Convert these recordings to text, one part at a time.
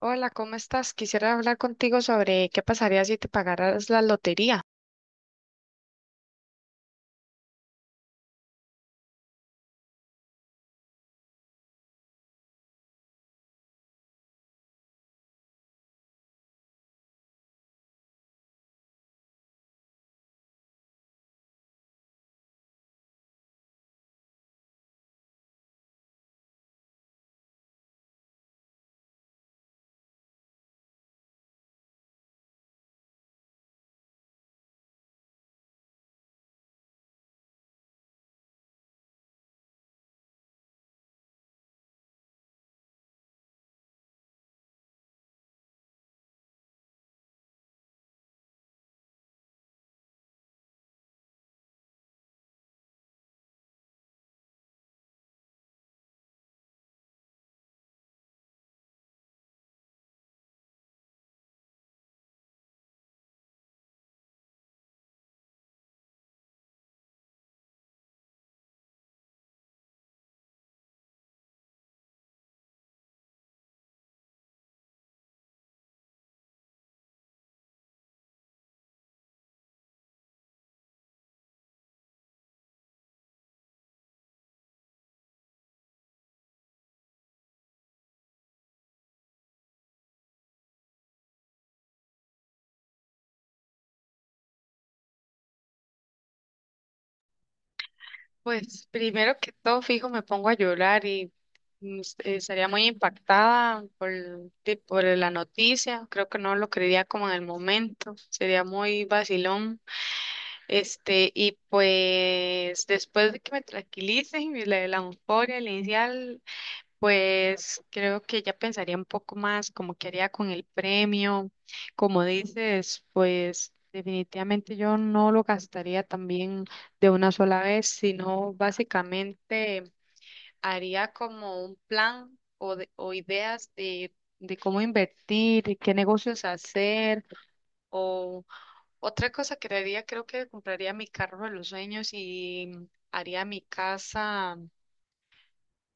Hola, ¿cómo estás? Quisiera hablar contigo sobre qué pasaría si te pagaras la lotería. Pues primero que todo, fijo, me pongo a llorar y estaría muy impactada por la noticia. Creo que no lo creería como en el momento. Sería muy vacilón. Este, y pues después de que me tranquilice y la euforia inicial, pues creo que ya pensaría un poco más como qué haría con el premio. Como dices, pues definitivamente yo no lo gastaría también de una sola vez, sino básicamente haría como un plan o ideas de cómo invertir y qué negocios hacer. O otra cosa que haría, creo que compraría mi carro de los sueños y haría mi casa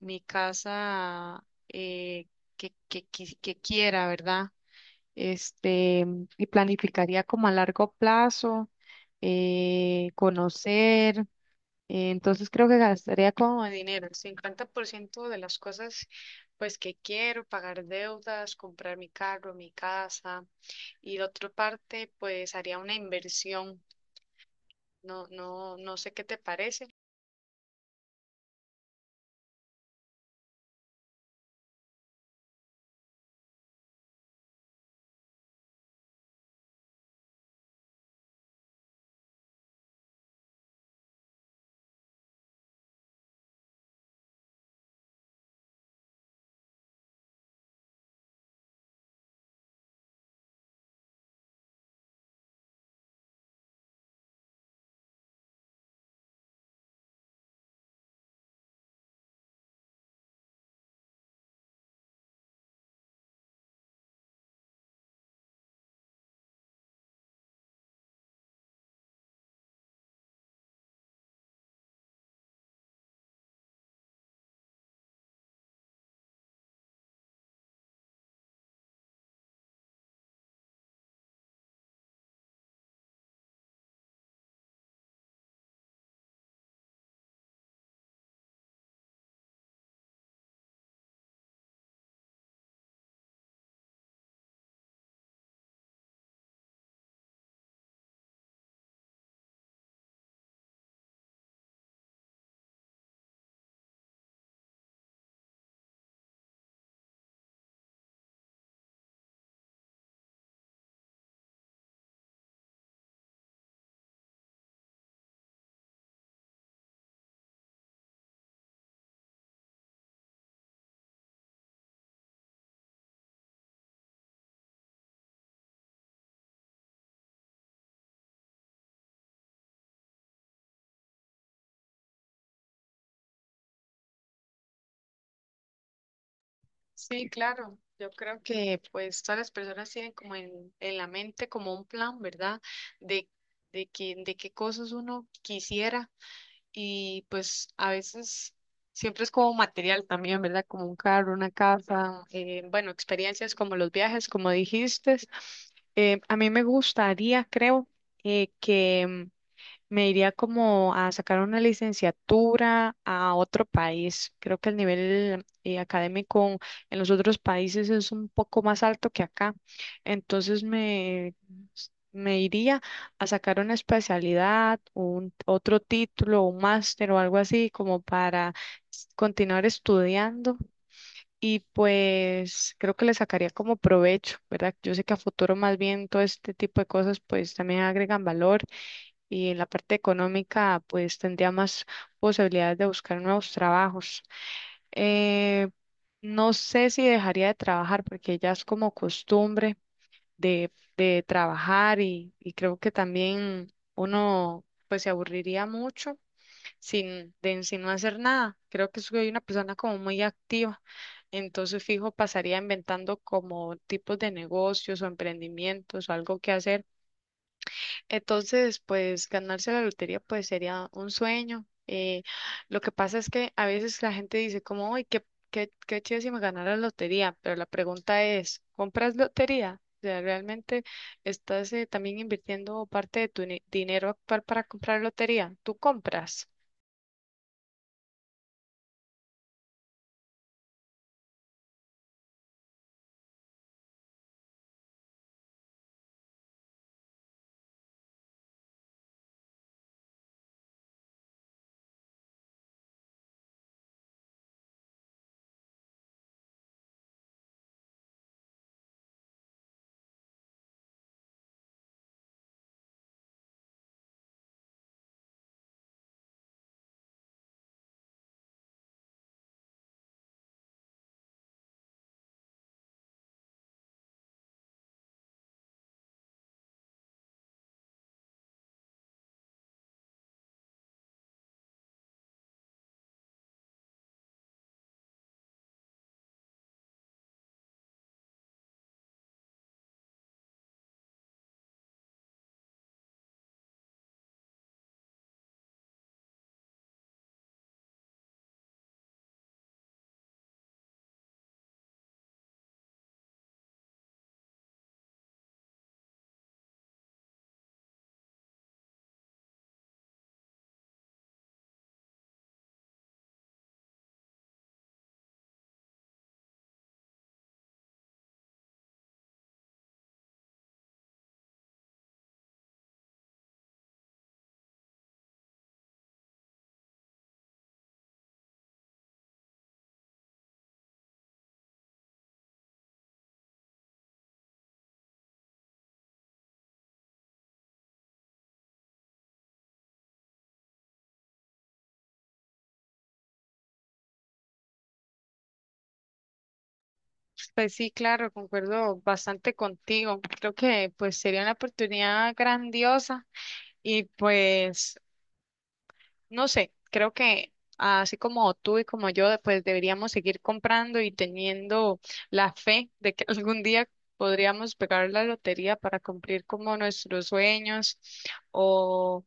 mi casa eh, que quiera, ¿verdad? Este, y planificaría como a largo plazo, conocer. Eh, entonces creo que gastaría como dinero el 50% de las cosas pues que quiero, pagar deudas, comprar mi carro, mi casa, y la otra parte pues haría una inversión. No sé qué te parece. Sí, claro. Yo creo que pues todas las personas tienen como en la mente como un plan, ¿verdad? De, de qué cosas uno quisiera y pues a veces siempre es como material también, ¿verdad? Como un carro, una casa, bueno, experiencias como los viajes, como dijiste. A mí me gustaría, creo, que me iría como a sacar una licenciatura a otro país. Creo que el nivel académico en los otros países es un poco más alto que acá. Entonces, me iría a sacar una especialidad, otro título, un máster o algo así como para continuar estudiando. Y pues creo que le sacaría como provecho, ¿verdad? Yo sé que a futuro más bien todo este tipo de cosas pues también agregan valor y en la parte económica pues tendría más posibilidades de buscar nuevos trabajos. Eh, no sé si dejaría de trabajar porque ya es como costumbre de, de trabajar y creo que también uno pues se aburriría mucho sin no hacer nada. Creo que soy una persona como muy activa, entonces fijo pasaría inventando como tipos de negocios o emprendimientos o algo que hacer. Entonces, pues ganarse la lotería pues sería un sueño. Lo que pasa es que a veces la gente dice como, uy, qué chido si me ganara la lotería, pero la pregunta es, ¿compras lotería? O sea, ¿realmente estás también invirtiendo parte de tu ni- dinero actual para comprar lotería? ¿Tú compras? Pues sí, claro, concuerdo bastante contigo. Creo que pues sería una oportunidad grandiosa y pues... No sé, creo que así como tú y como yo, pues deberíamos seguir comprando y teniendo la fe de que algún día podríamos pegar la lotería para cumplir como nuestros sueños o,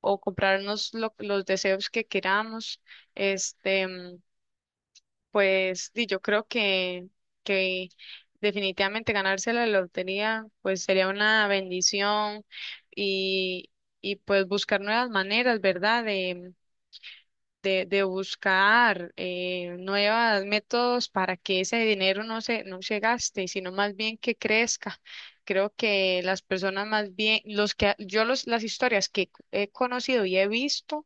o comprarnos los deseos que queramos. Este, mm, pues y yo creo que definitivamente ganarse la lotería pues sería una bendición y, y pues buscar nuevas maneras, ¿verdad? De de, buscar nuevos métodos para que ese dinero no se gaste, sino más bien que crezca. Creo que las personas más bien, los que yo los, las historias que he conocido y he visto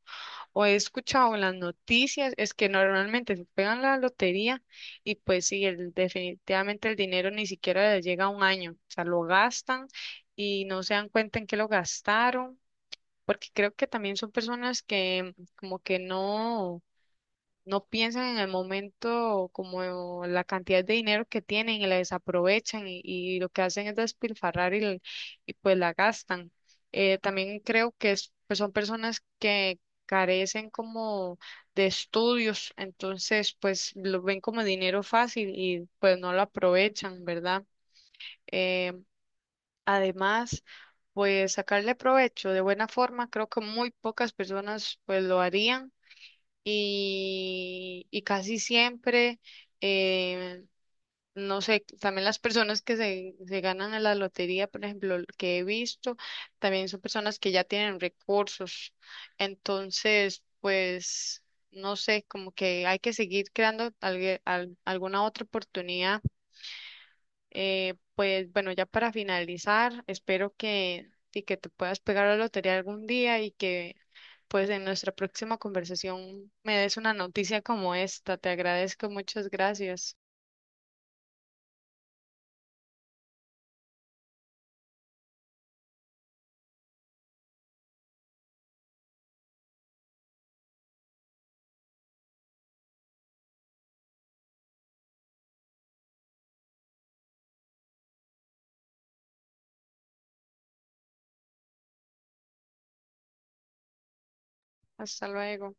o he escuchado en las noticias es que normalmente se pegan la lotería y pues sí, definitivamente el dinero ni siquiera les llega a un año, o sea, lo gastan y no se dan cuenta en qué lo gastaron, porque creo que también son personas que como que no piensan en el momento como la cantidad de dinero que tienen y la desaprovechan y lo que hacen es despilfarrar y pues la gastan. También creo que pues son personas que carecen como de estudios, entonces pues lo ven como dinero fácil y pues no lo aprovechan, ¿verdad? Eh, Además, pues sacarle provecho de buena forma, creo que muy pocas personas pues lo harían y casi siempre, eh, no sé, también las personas que se ganan en la lotería, por ejemplo, que he visto, también son personas que ya tienen recursos. Entonces, pues, no sé, como que hay que seguir creando alguna otra oportunidad. Pues bueno, ya para finalizar, espero que, sí, que te puedas pegar a la lotería algún día y que pues en nuestra próxima conversación me des una noticia como esta. Te agradezco, muchas gracias. Hasta luego.